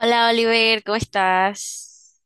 Hola Oliver, ¿cómo estás?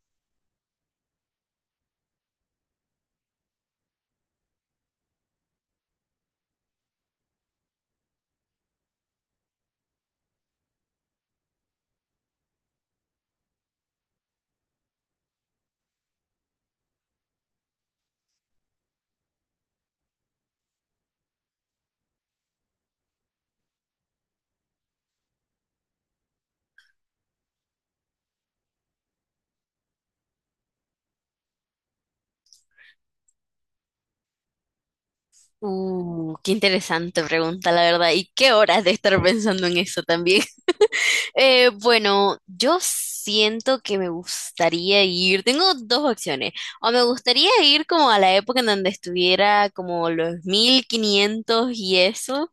Qué interesante pregunta, la verdad. ¿Y qué horas de estar pensando en eso también? Bueno, yo siento que me gustaría ir. Tengo dos opciones. O me gustaría ir como a la época en donde estuviera como los 1500 y eso.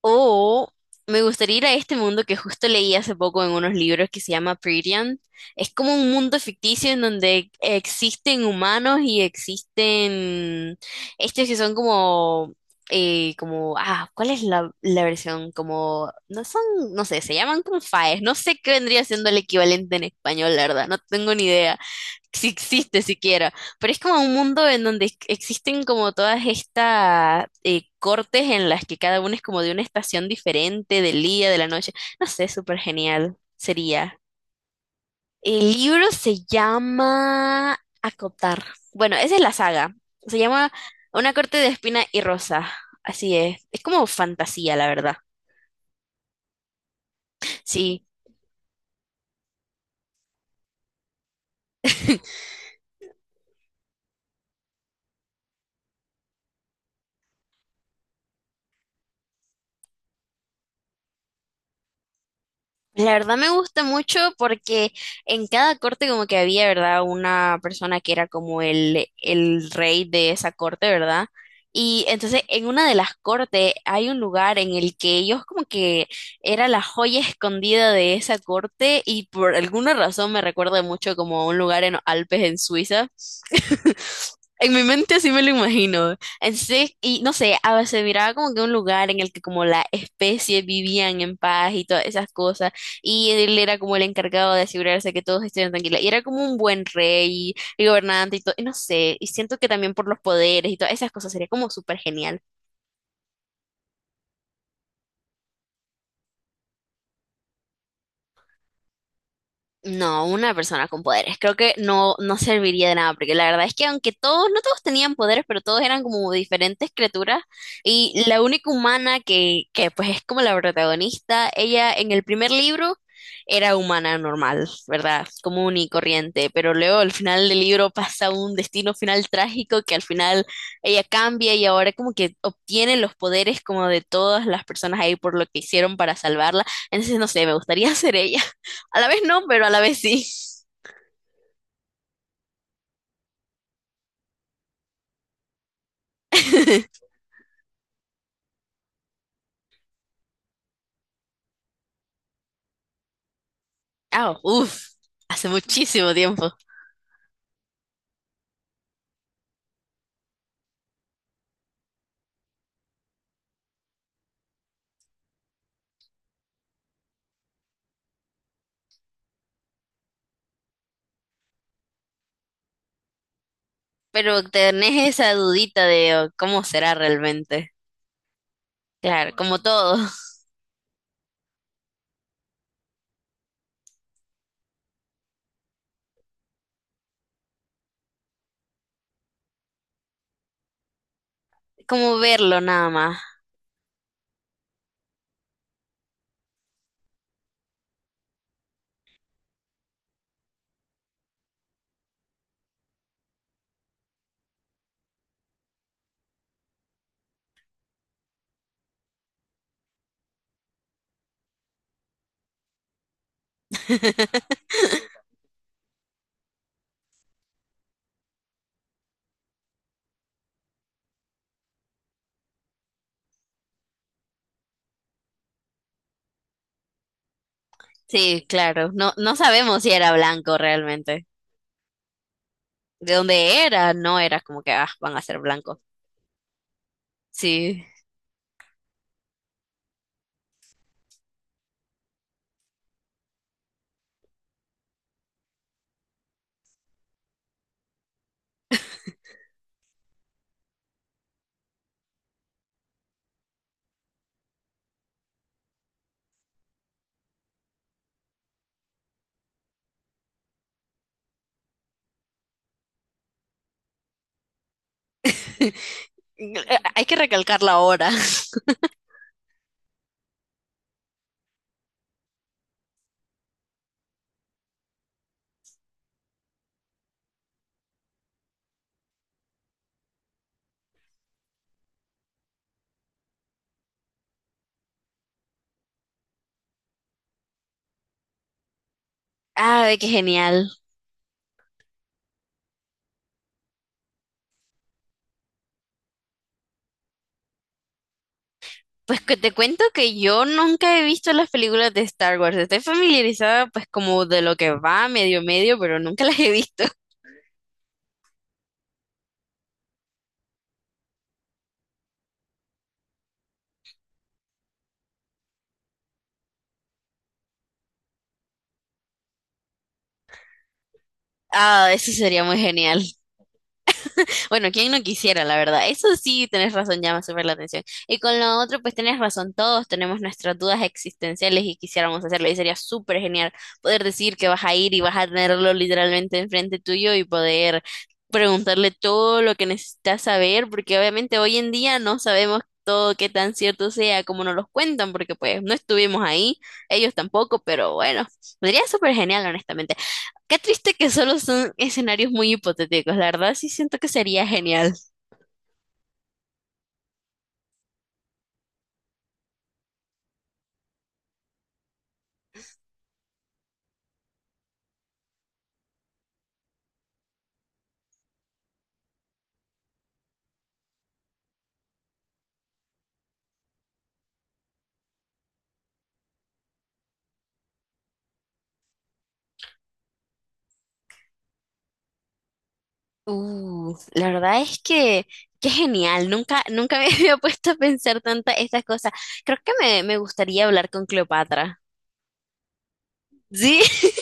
O me gustaría ir a este mundo que justo leí hace poco en unos libros que se llama Prettian. Es como un mundo ficticio en donde existen humanos y existen estos que son como, como, ah, ¿cuál es la versión? Como, no son, no sé, se llaman como faes. No sé qué vendría siendo el equivalente en español, la verdad, no tengo ni idea si existe siquiera, pero es como un mundo en donde existen como todas estas cortes en las que cada uno es como de una estación diferente, del día, de la noche, no sé, súper genial sería. El libro se llama Acotar. Bueno, esa es la saga. Se llama Una corte de espina y rosa. Así es. Es como fantasía, la verdad. Sí. La verdad me gusta mucho porque en cada corte como que había, ¿verdad? Una persona que era como el rey de esa corte, ¿verdad? Y entonces en una de las cortes hay un lugar en el que ellos como que era la joya escondida de esa corte y por alguna razón me recuerda mucho como a un lugar en los Alpes en Suiza. En mi mente así me lo imagino. Entonces, y no sé, a veces miraba como que un lugar en el que como la especie vivían en paz y todas esas cosas, y él era como el encargado de asegurarse que todos estuvieran tranquilos, y era como un buen rey y gobernante y todo, y no sé, y siento que también por los poderes y todas esas cosas sería como súper genial. No, una persona con poderes. Creo que no, no serviría de nada, porque la verdad es que aunque todos, no todos tenían poderes, pero todos eran como diferentes criaturas, y la única humana que pues es como la protagonista, ella en el primer libro era humana normal, ¿verdad? Común y corriente, pero luego al final del libro pasa un destino final trágico que al final ella cambia y ahora como que obtiene los poderes como de todas las personas ahí por lo que hicieron para salvarla. Entonces, no sé, me gustaría ser ella. A la vez no, pero a la vez sí. Ah, uff, hace muchísimo tiempo. Pero tenés esa dudita de oh, cómo será realmente. Claro, como todo, como verlo nada más. Sí, claro. No, no sabemos si era blanco realmente. De dónde era, no era como que ah, van a ser blancos. Sí. Hay que recalcarlo ahora. Ah, ve qué genial. Pues que te cuento que yo nunca he visto las películas de Star Wars. Estoy familiarizada pues como de lo que va medio medio, pero nunca las he visto. Ah, eso sería muy genial. Bueno, quién no quisiera, la verdad. Eso sí, tenés razón, llama súper la atención. Y con lo otro, pues tenés razón, todos tenemos nuestras dudas existenciales y quisiéramos hacerlo. Y sería súper genial poder decir que vas a ir y vas a tenerlo literalmente enfrente tuyo y poder preguntarle todo lo que necesitas saber, porque obviamente hoy en día no sabemos todo qué tan cierto sea como nos los cuentan, porque pues no estuvimos ahí, ellos tampoco, pero bueno, sería súper genial, honestamente. Qué triste que solo son escenarios muy hipotéticos. La verdad sí siento que sería genial. La verdad es que qué genial. Nunca, nunca me había puesto a pensar tantas estas cosas. Creo que me gustaría hablar con Cleopatra. Sí,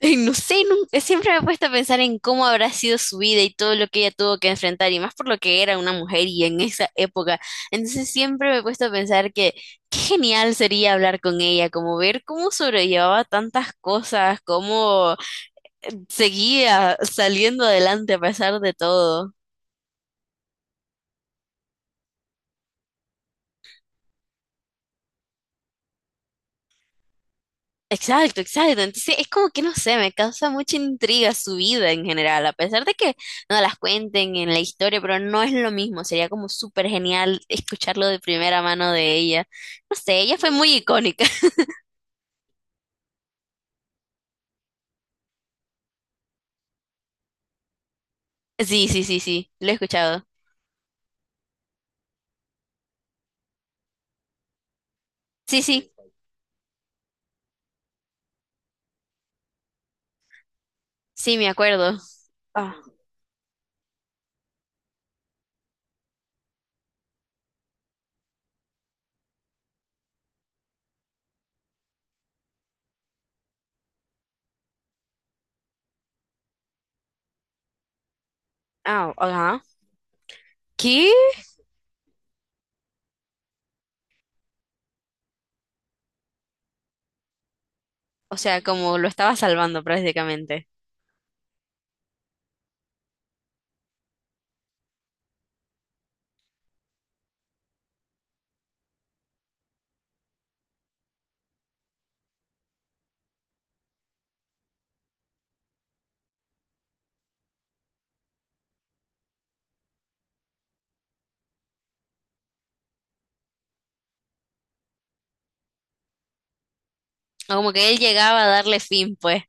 Ay, no sé, siempre me he puesto a pensar en cómo habrá sido su vida y todo lo que ella tuvo que enfrentar, y más por lo que era una mujer y en esa época. Entonces siempre me he puesto a pensar que qué genial sería hablar con ella, como ver cómo sobrellevaba tantas cosas, cómo seguía saliendo adelante a pesar de todo. Exacto, exacto. Entonces es como que no sé, me causa mucha intriga su vida en general, a pesar de que no las cuenten en la historia, pero no es lo mismo. Sería como súper genial escucharlo de primera mano de ella. No sé, ella fue muy icónica. Sí, sí, sí, sí, lo he escuchado. Sí, sí, sí, me acuerdo. Ah, ah, ajá. ¿Qué? O sea, como lo estaba salvando prácticamente. O como que él llegaba a darle fin, pues.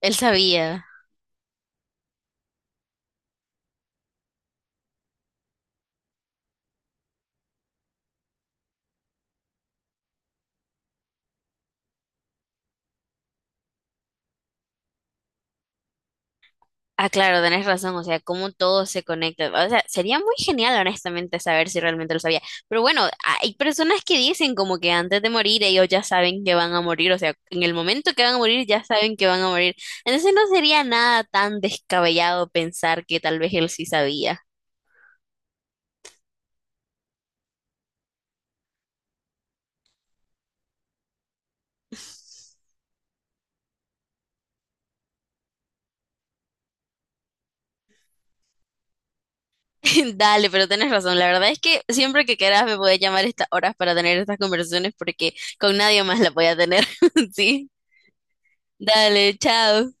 Él sabía. Ah, claro, tenés razón, o sea, cómo todo se conecta. O sea, sería muy genial, honestamente, saber si realmente lo sabía. Pero bueno, hay personas que dicen como que antes de morir ellos ya saben que van a morir, o sea, en el momento que van a morir ya saben que van a morir. Entonces no sería nada tan descabellado pensar que tal vez él sí sabía. Dale, pero tenés razón, la verdad es que siempre que quieras me podés llamar a estas horas para tener estas conversaciones porque con nadie más la voy a tener. Sí, dale, chao.